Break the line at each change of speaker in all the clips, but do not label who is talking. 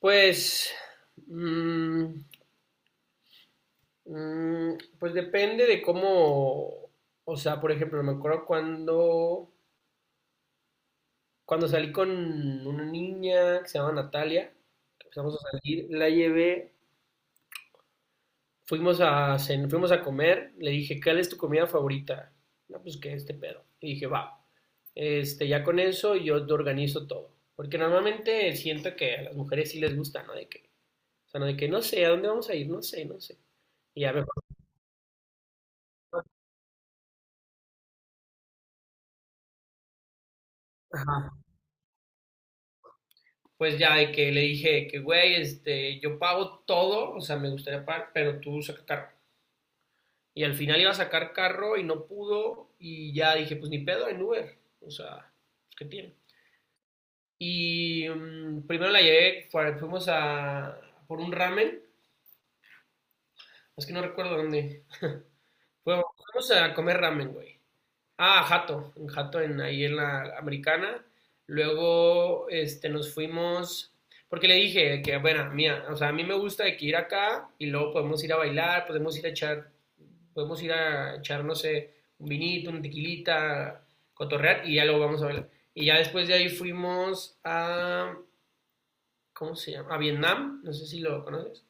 Pues, mm, pues depende de cómo, o sea, por ejemplo, me acuerdo cuando, cuando salí con una niña que se llama Natalia, empezamos a salir, la llevé, fuimos a, fuimos a comer, le dije, ¿cuál es tu comida favorita? No, pues que este pedo. Y dije, va, este, ya con eso yo te organizo todo. Porque normalmente siento que a las mujeres sí les gusta, ¿no? De que, o sea, no de que no sé, ¿a dónde vamos a ir? No sé, no sé. Y ya mejor. Ajá. Pues ya de que le dije que, güey, este, yo pago todo, o sea, me gustaría pagar, pero tú saca carro. Y al final iba a sacar carro y no pudo, y ya dije, pues ni pedo en Uber, o sea, pues, ¿qué tiene? Y primero la llevé, fuimos a por un ramen, es que no recuerdo dónde. Fuimos a comer ramen, güey. Ah, Jato, en Jato, en, ahí en la americana. Luego este, nos fuimos, porque le dije que, bueno, mía, o sea, a mí me gusta de que ir acá y luego podemos ir a bailar, podemos ir a echar, podemos ir a echar, no sé, un vinito, una tequilita, cotorrear y ya luego vamos a bailar. Y ya después de ahí fuimos a, ¿cómo se llama? A Vietnam, no sé si lo conoces.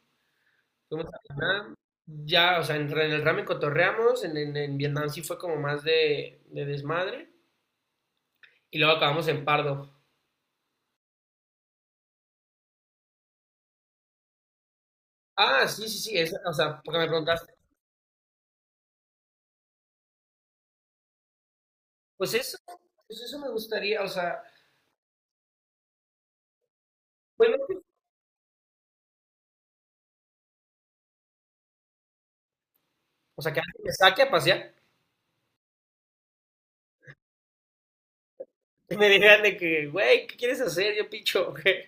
Fuimos a Vietnam, ya, o sea, en el ramen cotorreamos, en, en Vietnam sí fue como más de desmadre y luego acabamos en Pardo. Ah, sí, sí, sí, o sea, porque me preguntaste, pues eso, pues eso me gustaría, o sea, bueno, o sea, que alguien me saque a pasear y me digan de que, güey, ¿qué quieres hacer? Yo picho, güey.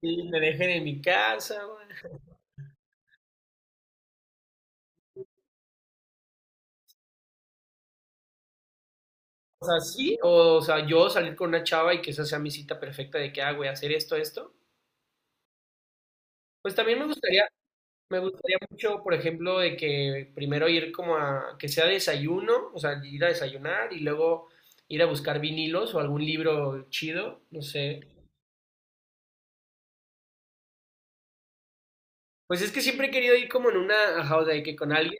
Y me dejen en mi casa, güey. O sea, sí, o sea, yo salir con una chava y que esa sea mi cita perfecta de que, ah, güey, hacer esto, esto. Pues también me gustaría. Me gustaría mucho, por ejemplo, de que primero ir como a que sea desayuno, o sea, ir a desayunar y luego ir a buscar vinilos o algún libro chido, no sé. Pues es que siempre he querido ir como en una, ajá, o sea, de que con alguien,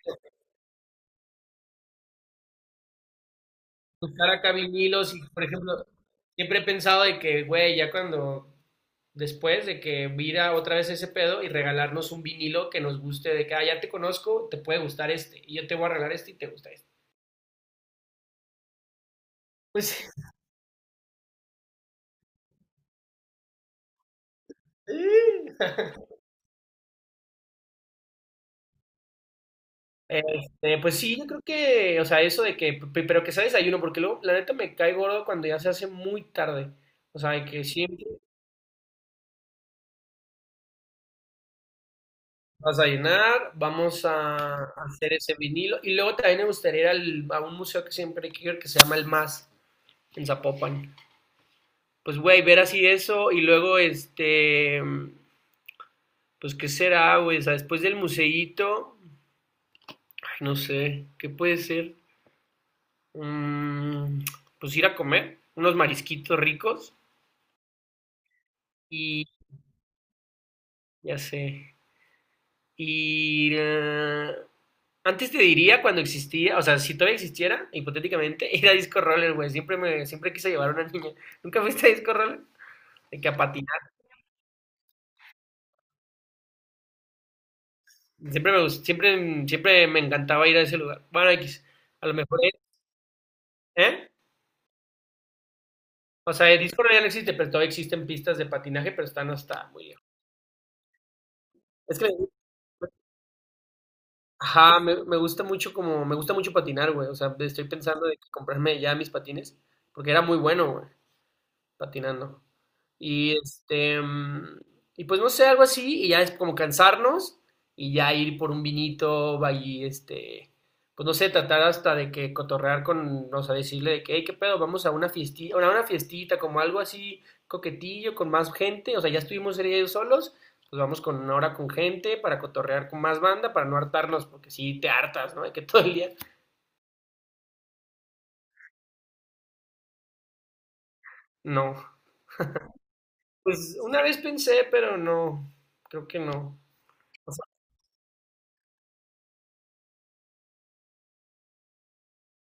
buscar acá vinilos y, por ejemplo, siempre he pensado de que, güey, ya cuando, después de que vira otra vez ese pedo y regalarnos un vinilo que nos guste, de que, ah, ya te conozco, te puede gustar este, y yo te voy a regalar este y te gusta este. Pues, este, pues sí, yo creo que, o sea, eso de que, pero que sea desayuno, porque luego, la neta, me cae gordo cuando ya se hace muy tarde. O sea, de que siempre vas a llenar, vamos a hacer ese vinilo. Y luego también me gustaría ir a un museo que siempre quiero ir, que se llama El Más, en Zapopan. Pues, güey, ver así eso y luego, este, pues, ¿qué será, güey? O sea, después del museíto, ay, no sé, ¿qué puede ser? Mm, pues ir a comer unos marisquitos ricos. Ya sé. Y antes te diría cuando existía, o sea, si todavía existiera, hipotéticamente, ir a Disco Roller, güey. Siempre me, siempre quise llevar a una niña. ¿Nunca fuiste a Disco Roller? De que a patinar. Siempre me siempre, siempre me encantaba ir a ese lugar. Bueno, X. A lo mejor, ¿eh? O sea, el Disco Roller ya no existe, pero todavía existen pistas de patinaje, pero están hasta muy lejos. Es que, ajá, me gusta mucho como, me gusta mucho patinar, güey. O sea, estoy pensando de que comprarme ya mis patines, porque era muy bueno, güey, patinando. Y este, y pues no sé, algo así, y ya es como cansarnos y ya ir por un vinito, va este, pues no sé, tratar hasta de que cotorrear con, o sea, decirle de que, hey, qué pedo, vamos a una fiestita, como algo así coquetillo, con más gente, o sea, ya estuvimos ellos solos, pues vamos con ahora con gente para cotorrear con más banda, para no hartarnos, porque si te hartas, ¿no? De que todo el día, no. Pues una vez pensé, pero no, creo que no.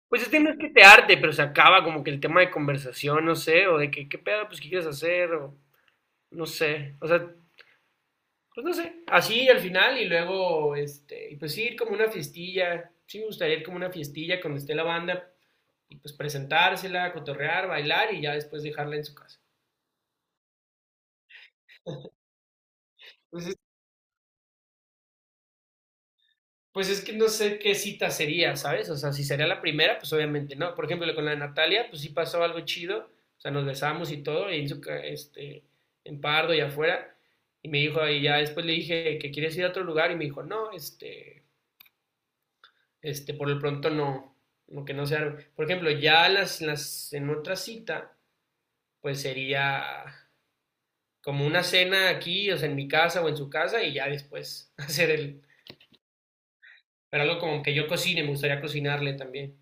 Pues este no es que te arte, pero se acaba como que el tema de conversación, no sé, o de que qué pedo, pues qué quieres hacer, o no sé, o sea, pues no sé, así al final y luego, este, y pues sí, ir como una fiestilla, sí me gustaría ir como una fiestilla cuando esté la banda, y pues presentársela, cotorrear, bailar y ya después dejarla en su casa. Pues pues es que no sé qué cita sería, ¿sabes? O sea, si sería la primera, pues obviamente no. Por ejemplo, con la Natalia, pues sí pasó algo chido. O sea, nos besamos y todo, ahí en, este, en Pardo y afuera. Y me dijo, y ya después le dije que quieres ir a otro lugar. Y me dijo, no, este, por lo pronto no, no que no sea. Por ejemplo, ya las, en otra cita, pues sería como una cena aquí, o sea, en mi casa o en su casa, y ya después hacer el. Pero algo como que yo cocine, me gustaría cocinarle también.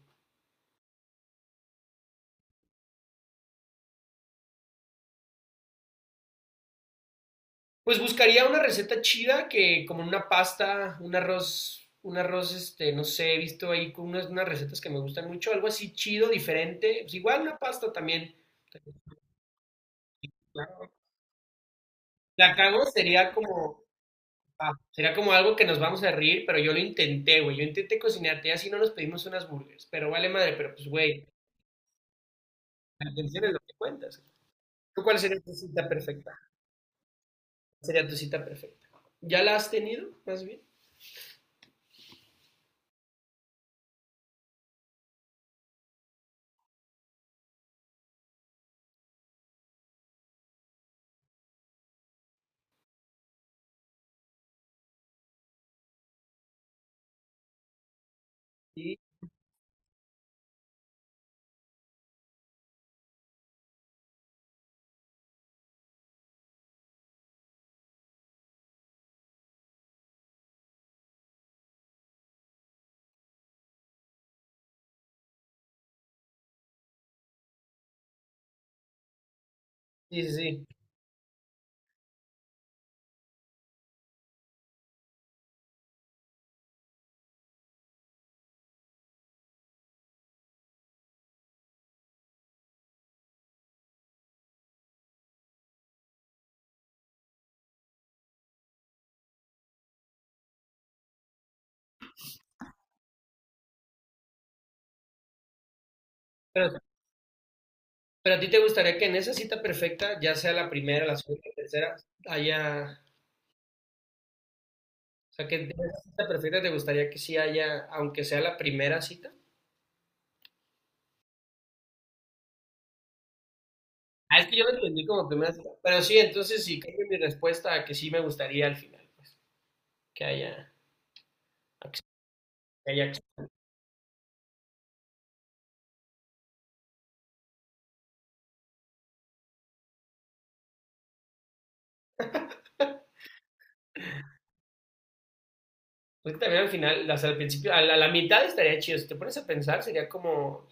Pues buscaría una receta chida que como una pasta, un arroz, este, no sé, he visto ahí con unas, unas recetas que me gustan mucho, algo así chido, diferente, pues igual una pasta también. Claro. La cago sería como, ah, sería como algo que nos vamos a reír, pero yo lo intenté, güey, yo intenté cocinarte, y así no nos pedimos unas burgers, pero vale madre, pero pues, güey, la atención es lo que cuentas. ¿Tú cuál sería tu cita perfecta? ¿Cuál sería tu cita perfecta? ¿Ya la has tenido, más bien? Sí, sí, sí, sí. Pero a ti te gustaría que en esa cita perfecta, ya sea la primera, la segunda, la tercera, haya, o sea, que en esa cita perfecta te gustaría que sí haya, aunque sea la primera cita. Ah, es que yo lo entendí como primera cita. Pero sí, entonces sí, cambio mi respuesta a que sí me gustaría al final, pues, que haya, acción, que haya acción. Porque también al final, hasta al principio, a la mitad estaría chido. Si te pones a pensar, sería como,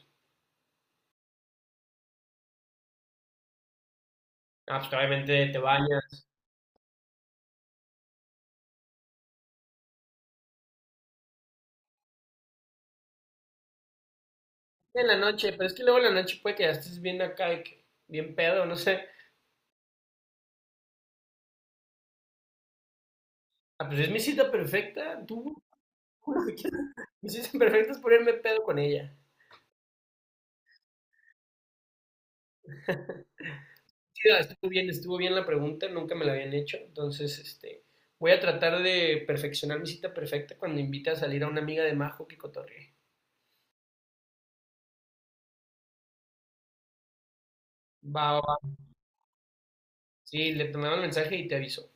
ah, pues obviamente te bañas en la noche, pero es que luego en la noche puede que ya estés bien acá, de que bien pedo, no sé. Ah, pues es mi cita perfecta, tú, lo que quieras. Mi sueño es ponerme pedo con ella. Sí, no, estuvo bien la pregunta, nunca me la habían hecho, entonces este, voy a tratar de perfeccionar mi cita perfecta cuando invite a salir a una amiga de Majo que cotorree. Va, va, va. Sí, le tomaba el mensaje y te aviso.